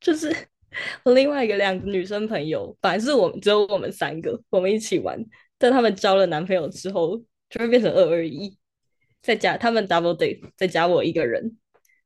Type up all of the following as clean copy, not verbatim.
就是我另外两个女生朋友，本来是我们，只有我们三个，我们一起玩，但他们交了男朋友之后，就会变成二二一，再加他们 double date，再加我一个人。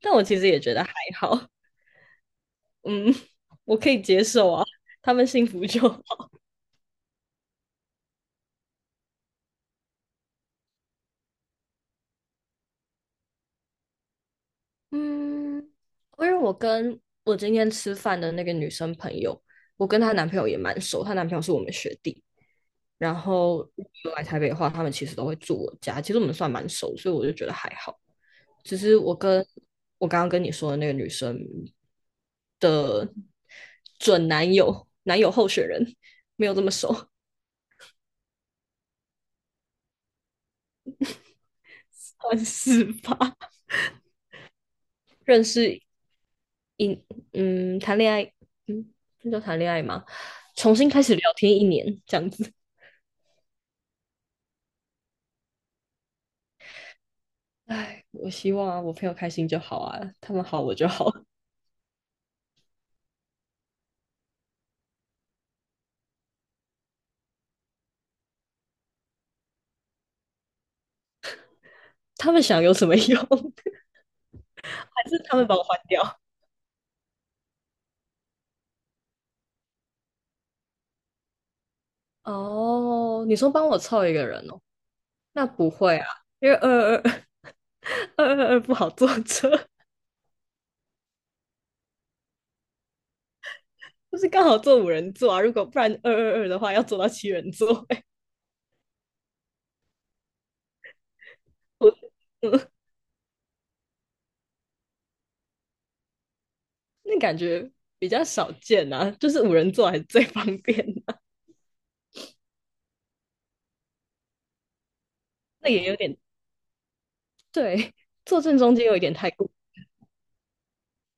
但我其实也觉得还好。嗯，我可以接受啊，他们幸福就好。嗯，因为我跟我今天吃饭的那个女生朋友，我跟她男朋友也蛮熟，她男朋友是我们学弟。然后如果来台北的话，他们其实都会住我家，其实我们算蛮熟，所以我就觉得还好。只是我跟我刚刚跟你说的那个女生准男友男友候选人没有这么熟，算是吧？认识，嗯，谈恋爱，嗯，那叫谈恋爱吗？重新开始聊天一年这样子。唉，我希望啊，我朋友开心就好啊，他们好我就好。他们想有什么用？还是他们把我换掉？哦，你说帮我凑一个人哦。那不会啊，因为二二二二不好坐车，就是刚好坐五人座啊。如果不然二二二的话，要坐到七人座、欸，我嗯，那感觉比较少见啊。就是五人座还是最方便的、啊那也有点对，坐正中间有一点太过。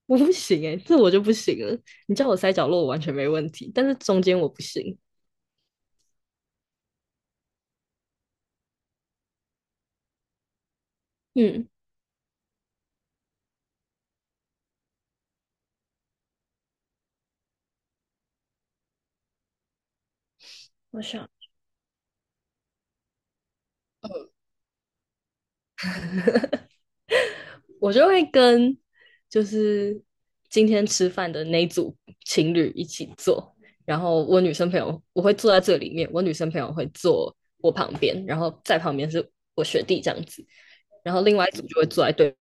我不行哎、欸这我就不行了。你叫我塞角落，我完全没问题，但是中间我不行。嗯，我想我就会跟就是今天吃饭的那一组情侣一起坐，然后我女生朋友我会坐在这里面，我女生朋友会坐我旁边，然后在旁边是我学弟这样子，然后另外一组就会坐在对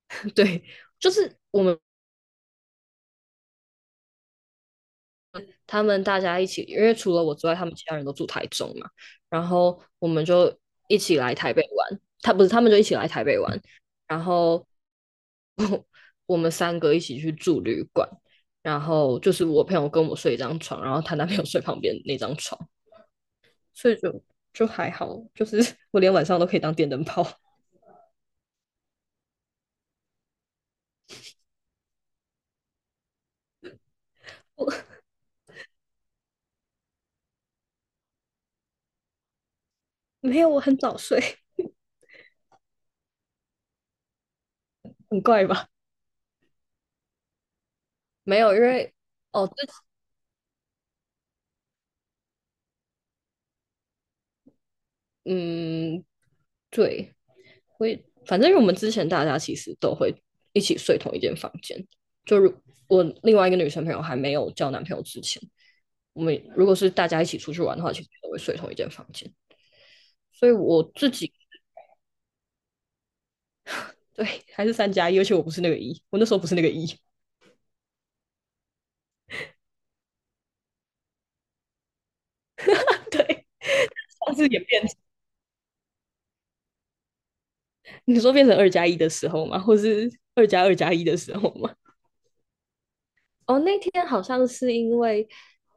对，就是他们大家一起，因为除了我之外，他们其他人都住台中嘛，然后我们就一起来台北玩。他不是，他们就一起来台北玩，然后 我们三个一起去住旅馆，然后就是我朋友跟我睡一张床，然后她男朋友睡旁边那张床，所以就还好，就是 我连晚上都可以当电灯泡。我 没有，我很早睡，很怪吧？没有，因为哦，嗯，对，会反正我们之前大家其实都会一起睡同一间房间。就如我另外一个女生朋友还没有交男朋友之前，我们如果是大家一起出去玩的话，其实都会睡同一间房间。所以我自己对还是三加一，而且我不是那个一，我那时候不是那个一。对，上次也变成，你说变成二加一的时候吗？或是二加二加一的时候吗？哦，那天好像是因为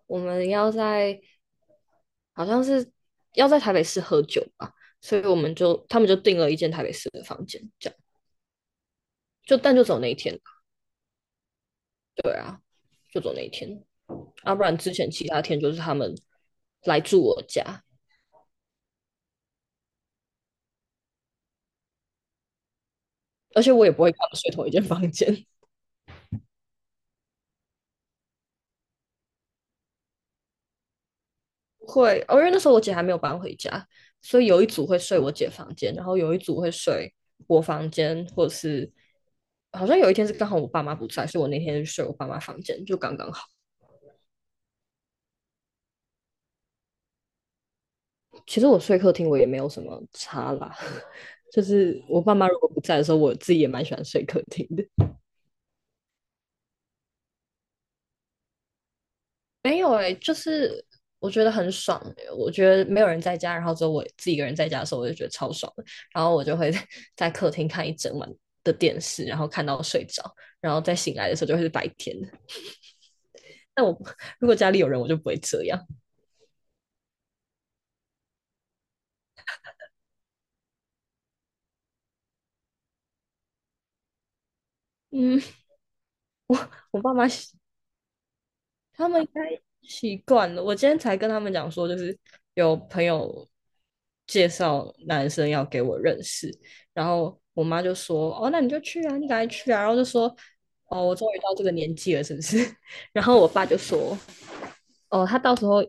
我们要在好像是要在台北市喝酒吧，所以我们就他们就订了一间台北市的房间，这样就但就走那一天，对啊，就走那一天，要、啊不然之前其他天就是他们来住我家，而且我也不会跟他们睡同一间房间。会，哦，因为那时候我姐还没有搬回家，所以有一组会睡我姐房间，然后有一组会睡我房间，或者是好像有一天是刚好我爸妈不在，所以我那天就睡我爸妈房间，就刚刚好。其实我睡客厅我也没有什么差啦，就是我爸妈如果不在的时候，我自己也蛮喜欢睡客厅的。没有哎、欸就是我觉得很爽、欸，我觉得没有人在家，然后只有我自己一个人在家的时候，我就觉得超爽的。然后我就会 在客厅看一整晚的电视，然后看到睡着，然后再醒来的时候就会是白天。但我 如果家里有人，我就不会这样。嗯，我爸妈他们应该习惯了。我今天才跟他们讲说，就是有朋友介绍男生要给我认识，然后我妈就说：“哦，那你就去啊，你赶快去啊。”然后就说：“哦，我终于到这个年纪了，是不是？” 然后我爸就说：“哦，他到时候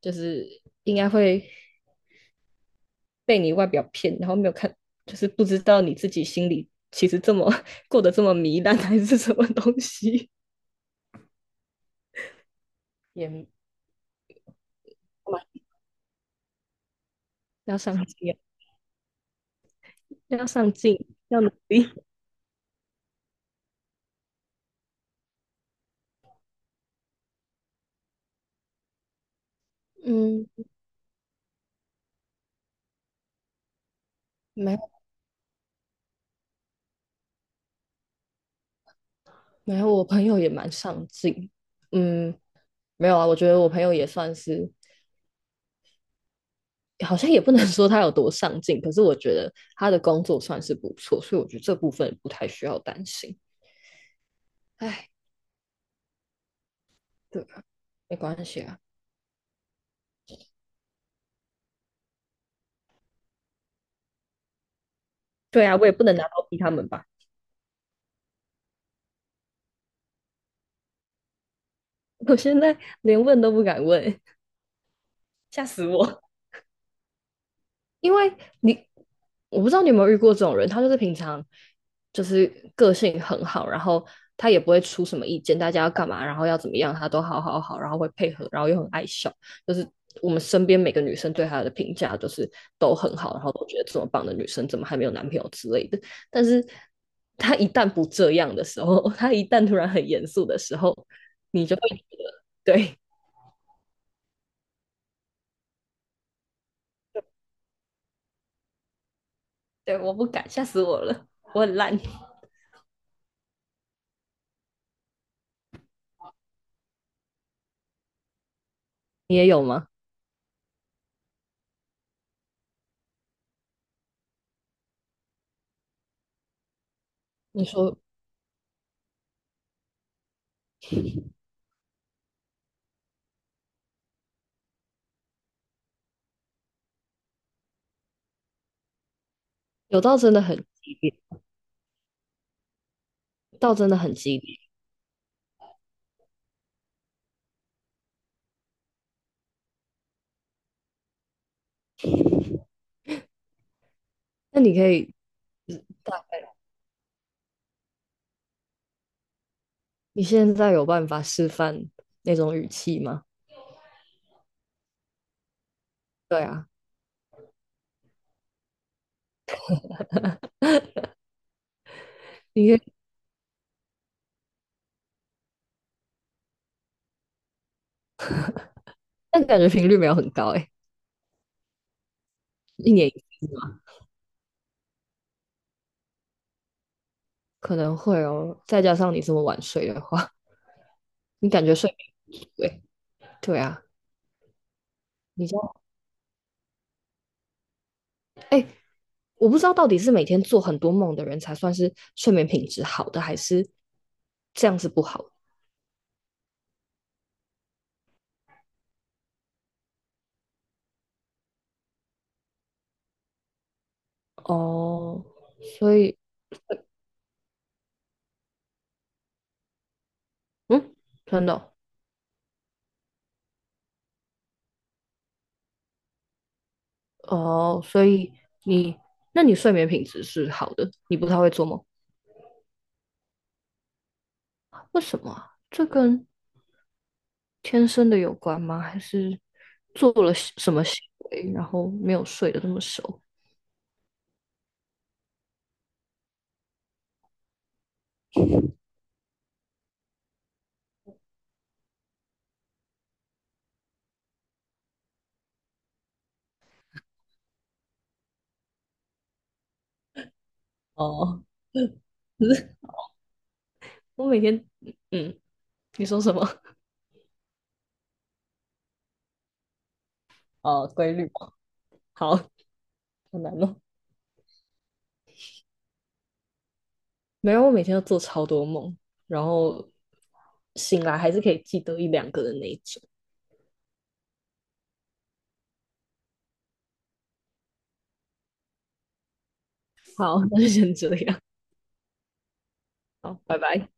就是应该会被你外表骗，然后没有看，就是不知道你自己心里其实这么过得这么糜烂，还是什么东西，也要上进啊要上进，要努力。”嗯，没有没有，我朋友也蛮上进。嗯，没有啊，我觉得我朋友也算是，好像也不能 说他有多上进，可是我觉得他的工作算是不错，所以我觉得这部分不太需要担心。哎，对啊，没关系啊。对啊，我也不能拿刀逼他们吧？我现在连问都不敢问，吓死我。因为你我不知道你有没有遇过这种人，他就是平常就是个性很好，然后他也不会出什么意见，大家要干嘛，然后要怎么样，他都好好好，然后会配合，然后又很爱笑，就是我们身边每个女生对他的评价就是都很好，然后都觉得这么棒的女生怎么还没有男朋友之类的，但是。他一旦不这样的时候，他一旦突然很严肃的时候，你就会对对，我不敢，吓死我了，我很烂。你也有吗？你说有到真的很激烈，到真的很激烈。那你可以大概，你现在有办法示范那种语气吗？对啊，你可以，但感觉频率没有很高哎，一年一次吗？可能会哦，再加上你这么晚睡的话，你感觉睡不对？对啊，你知道，哎、我不知道到底是每天做很多梦的人才算是睡眠品质好的，还是这样子不好哦。所以，嗯，真的哦哦，所以你，那你睡眠品质是好的，你不太会做梦，为什么啊这跟天生的有关吗？还是做了什么行为，然后没有睡得这么熟？哦 我每天，嗯，你说什么？哦，规律嘛，好，好难弄。没有，我每天都做超多梦，然后醒来还是可以记得一两个的那一种。好，那就先这样，好，拜拜。